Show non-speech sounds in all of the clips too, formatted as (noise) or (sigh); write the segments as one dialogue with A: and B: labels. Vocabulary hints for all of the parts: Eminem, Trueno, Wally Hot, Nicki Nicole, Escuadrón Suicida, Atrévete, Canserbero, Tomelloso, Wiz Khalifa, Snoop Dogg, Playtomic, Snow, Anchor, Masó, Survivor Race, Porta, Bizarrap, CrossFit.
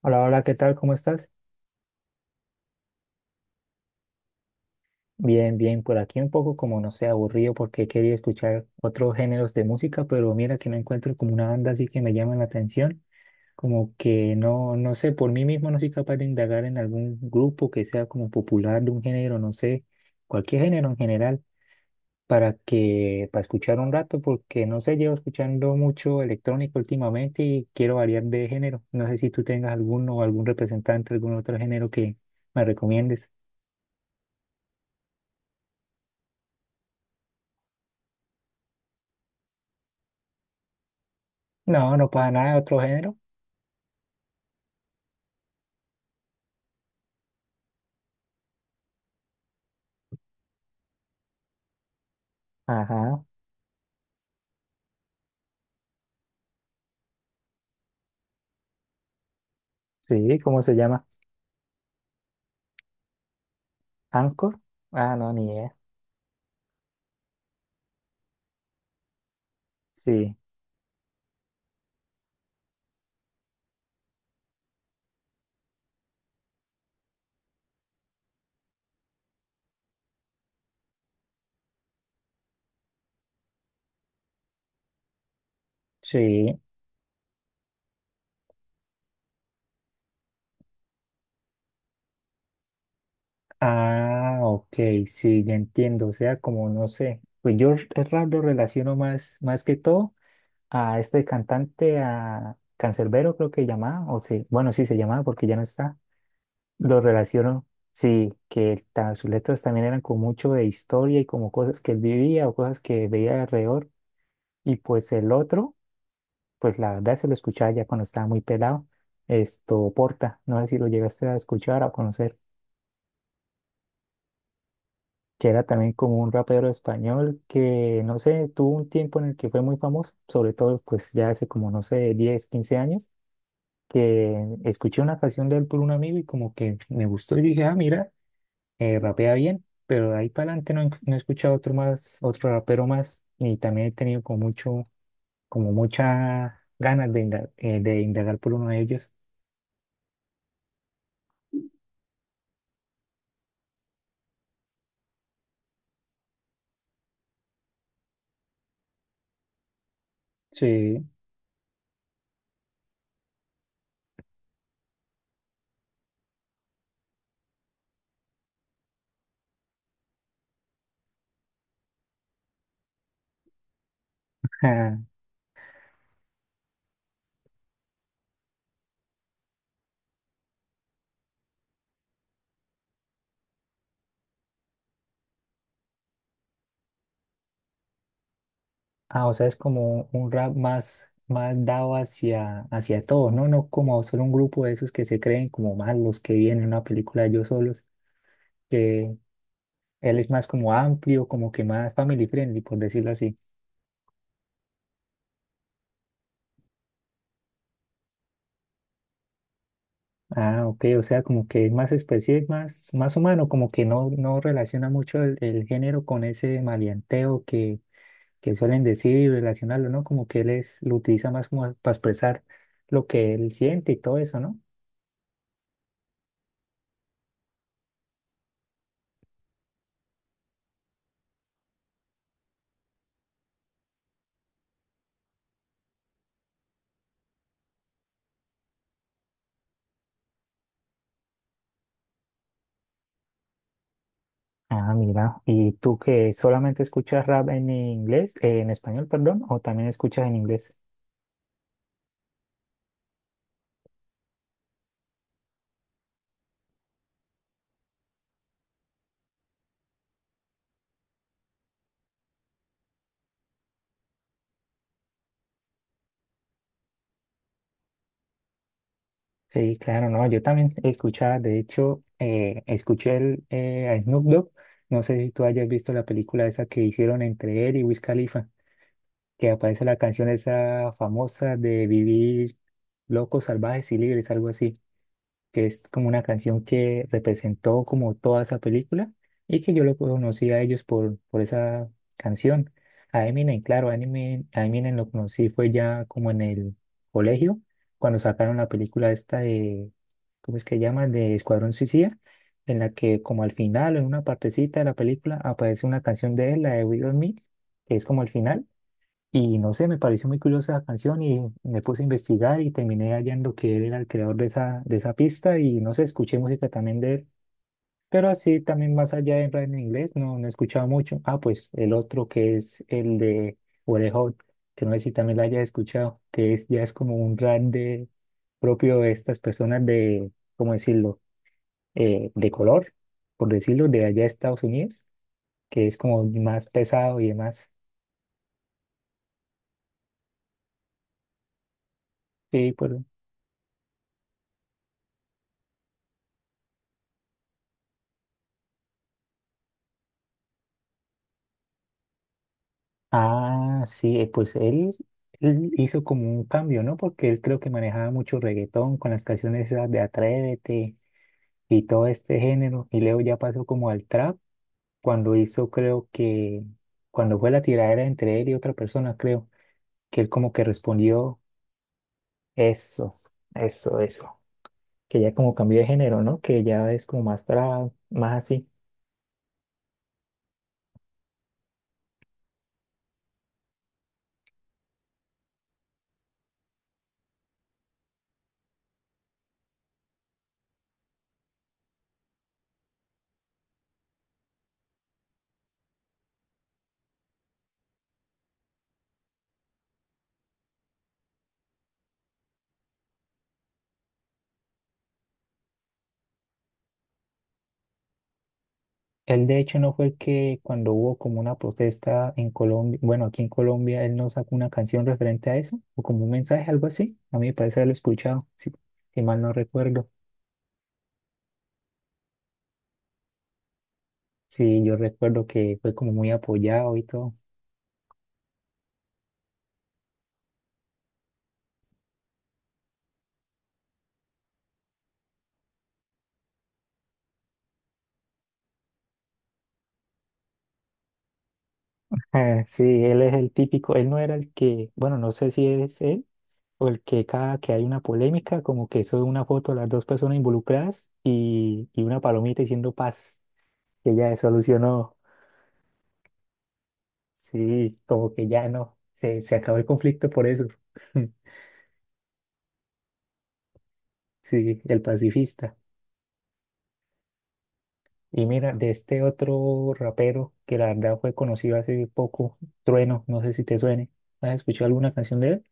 A: Hola, hola, ¿qué tal? ¿Cómo estás? Bien, bien, por aquí un poco como no sé, aburrido porque quería escuchar otros géneros de música, pero mira que no encuentro como una banda así que me llama la atención, como que no, no sé, por mí mismo no soy capaz de indagar en algún grupo que sea como popular de un género, no sé, cualquier género en general, para que, para escuchar un rato, porque no sé, llevo escuchando mucho electrónico últimamente y quiero variar de género. No sé si tú tengas alguno o algún representante, algún otro género que me recomiendes. No, no para nada, otro género. Ajá, sí, ¿cómo se llama? ¿Anchor? Ah, no, ni idea. Sí, sí. Ah, ok, sí, ya entiendo. O sea, como no sé. Pues es raro, lo relaciono más, más que todo a este cantante, a Canserbero, creo que llamaba, o sí, bueno, sí se llamaba porque ya no está. Lo relaciono, sí, sus letras también eran como mucho de historia y como cosas que él vivía o cosas que veía alrededor. Y pues el otro, pues la verdad se lo escuchaba ya cuando estaba muy pelado. Esto, Porta, no sé si lo llegaste a escuchar o a conocer, que era también como un rapero español que, no sé, tuvo un tiempo en el que fue muy famoso, sobre todo pues ya hace como, no sé, 10 15 años, que escuché una canción de él por un amigo y como que me gustó y dije, ah, mira, rapea bien, pero de ahí para adelante no, no he escuchado otro más, otro rapero más, y también he tenido como mucho, como mucha ganas de indagar por uno de ellos. Sí. (laughs) Ah, o sea, es como un rap más, más dado hacia, hacia todos, ¿no? No como solo un grupo de esos que se creen como malos, que vienen en una película de ellos solos, que él es más como amplio, como que más family friendly, por decirlo así. Ah, ok, o sea, como que es más especie, es más, más humano, como que no, no relaciona mucho el género con ese maleanteo que suelen decir y relacionarlo, ¿no? Como que él es, lo utiliza más como para expresar lo que él siente y todo eso, ¿no? Ah, mira, ¿y tú que solamente escuchas rap en inglés, en español, perdón, o también escuchas en inglés? Sí, claro, no, yo también escuchaba, de hecho, escuché a Snoop Dogg, no sé si tú hayas visto la película esa que hicieron entre él y Wiz Khalifa, que aparece la canción esa famosa de vivir locos, salvajes y libres, algo así, que es como una canción que representó como toda esa película y que yo lo conocí a ellos por esa canción. A Eminem, claro, a Eminem lo conocí fue ya como en el colegio, cuando sacaron la película esta de, ¿cómo es que llama? De Escuadrón Suicida, en la que como al final, en una partecita de la película, aparece una canción de él, la de We On Me, que es como al final. Y no sé, me pareció muy curiosa la canción y me puse a investigar y terminé hallando que él era el creador de esa pista y no sé, escuché música también de él, pero así también más allá de rap en inglés no, no he escuchado mucho. Ah, pues el otro que es el de Wally Hot, que no sé si también la haya escuchado, que es, ya es como un rap de, propio de estas personas de, ¿cómo decirlo? De color, por decirlo, de allá de Estados Unidos, que es como más pesado y demás. Sí, pues, ah, sí, pues él hizo como un cambio, ¿no? Porque él creo que manejaba mucho reggaetón con las canciones esas de Atrévete y todo este género. Y luego ya pasó como al trap cuando hizo, creo que, cuando fue la tiradera entre él y otra persona, creo, que él como que respondió eso, eso, eso. Que ya como cambió de género, ¿no? Que ya es como más trap, más así. Él de hecho no fue el que cuando hubo como una protesta en Colombia, bueno, aquí en Colombia, él no sacó una canción referente a eso, o como un mensaje, algo así. A mí me parece haberlo escuchado, si, si mal no recuerdo. Sí, yo recuerdo que fue como muy apoyado y todo. Ah, sí, él es el típico, él no era el que, bueno, no sé si es él o el que cada que hay una polémica, como que sube una foto de las dos personas involucradas y una palomita diciendo paz, que ya se solucionó. Sí, como que ya no, se acabó el conflicto por eso. (laughs) Sí, el pacifista. Y mira, de este otro rapero que la verdad fue conocido hace poco, Trueno, no sé si te suene. ¿Has escuchado alguna canción de él?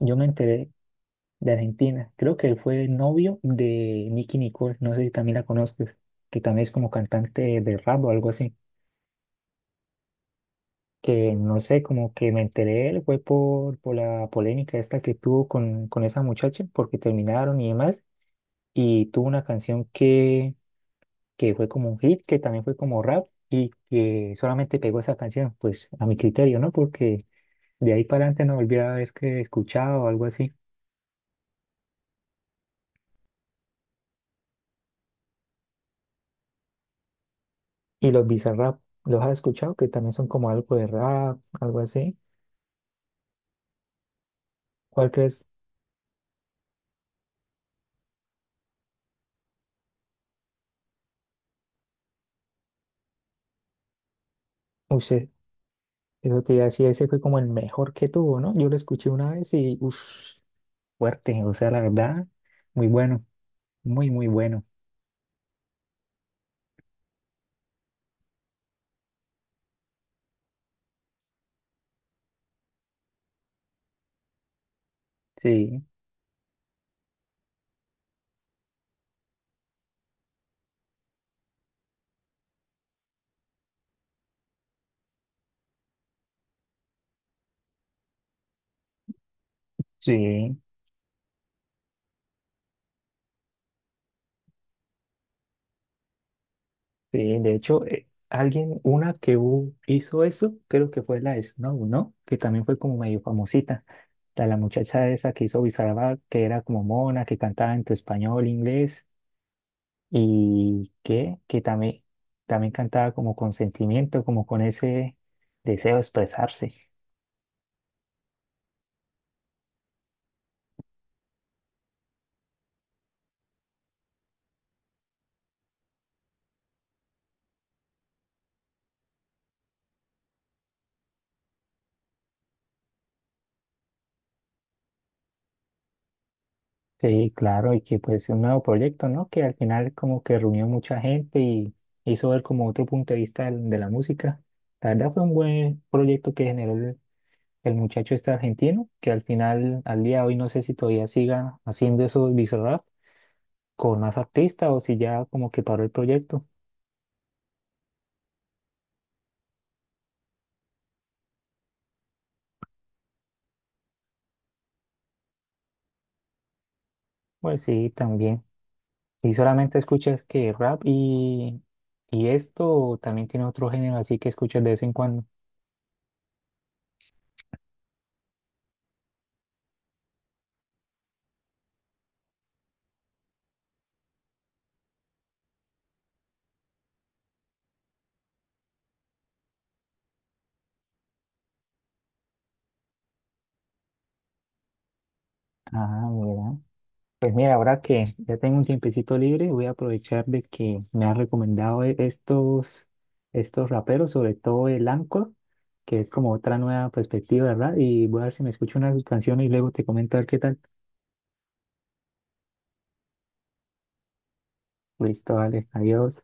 A: Yo me enteré de Argentina. Creo que él fue novio de Nicki Nicole, no sé si también la conozcas, que también es como cantante de rap o algo así. Que no sé, como que me enteré de él fue por la polémica esta que tuvo con esa muchacha, porque terminaron y demás, y tuvo una canción que fue como un hit, que también fue como rap y que solamente pegó esa canción, pues a mi criterio, ¿no? Porque de ahí para adelante no volví a ver que escuchaba o algo así. Y los Bizarrap, ¿los has escuchado? Que también son como algo de rap, algo así. ¿Cuál crees? Usted, eso te iba a decir, ese fue como el mejor que tuvo, ¿no? Yo lo escuché una vez y, uff, fuerte, o sea, la verdad, muy bueno, muy, muy bueno. Sí, sí. Sí, de hecho, alguien, una hizo eso, creo que fue la Snow, ¿no? Que también fue como medio famosita. La muchacha esa que hizo Bizarrap, que era como mona, que cantaba entre español, e inglés, que también, también cantaba como con sentimiento, como con ese deseo de expresarse. Sí, claro, y que pues un nuevo proyecto, ¿no? Que al final como que reunió mucha gente y hizo ver como otro punto de vista de la música. La verdad fue un buen proyecto que generó el muchacho este argentino, que al final, al día de hoy, no sé si todavía siga haciendo esos visorrap con más artistas o si ya como que paró el proyecto. Pues sí, también. Y solamente escuchas que rap y esto, o también tiene otro género así que escuchas de vez en cuando. Ah, mira. Pues mira, ahora que ya tengo un tiempecito libre, voy a aprovechar de que me han recomendado estos, estos raperos, sobre todo el Anchor, que es como otra nueva perspectiva, ¿verdad? Y voy a ver si me escucho una de sus canciones y luego te comento a ver qué tal. Listo, vale, adiós.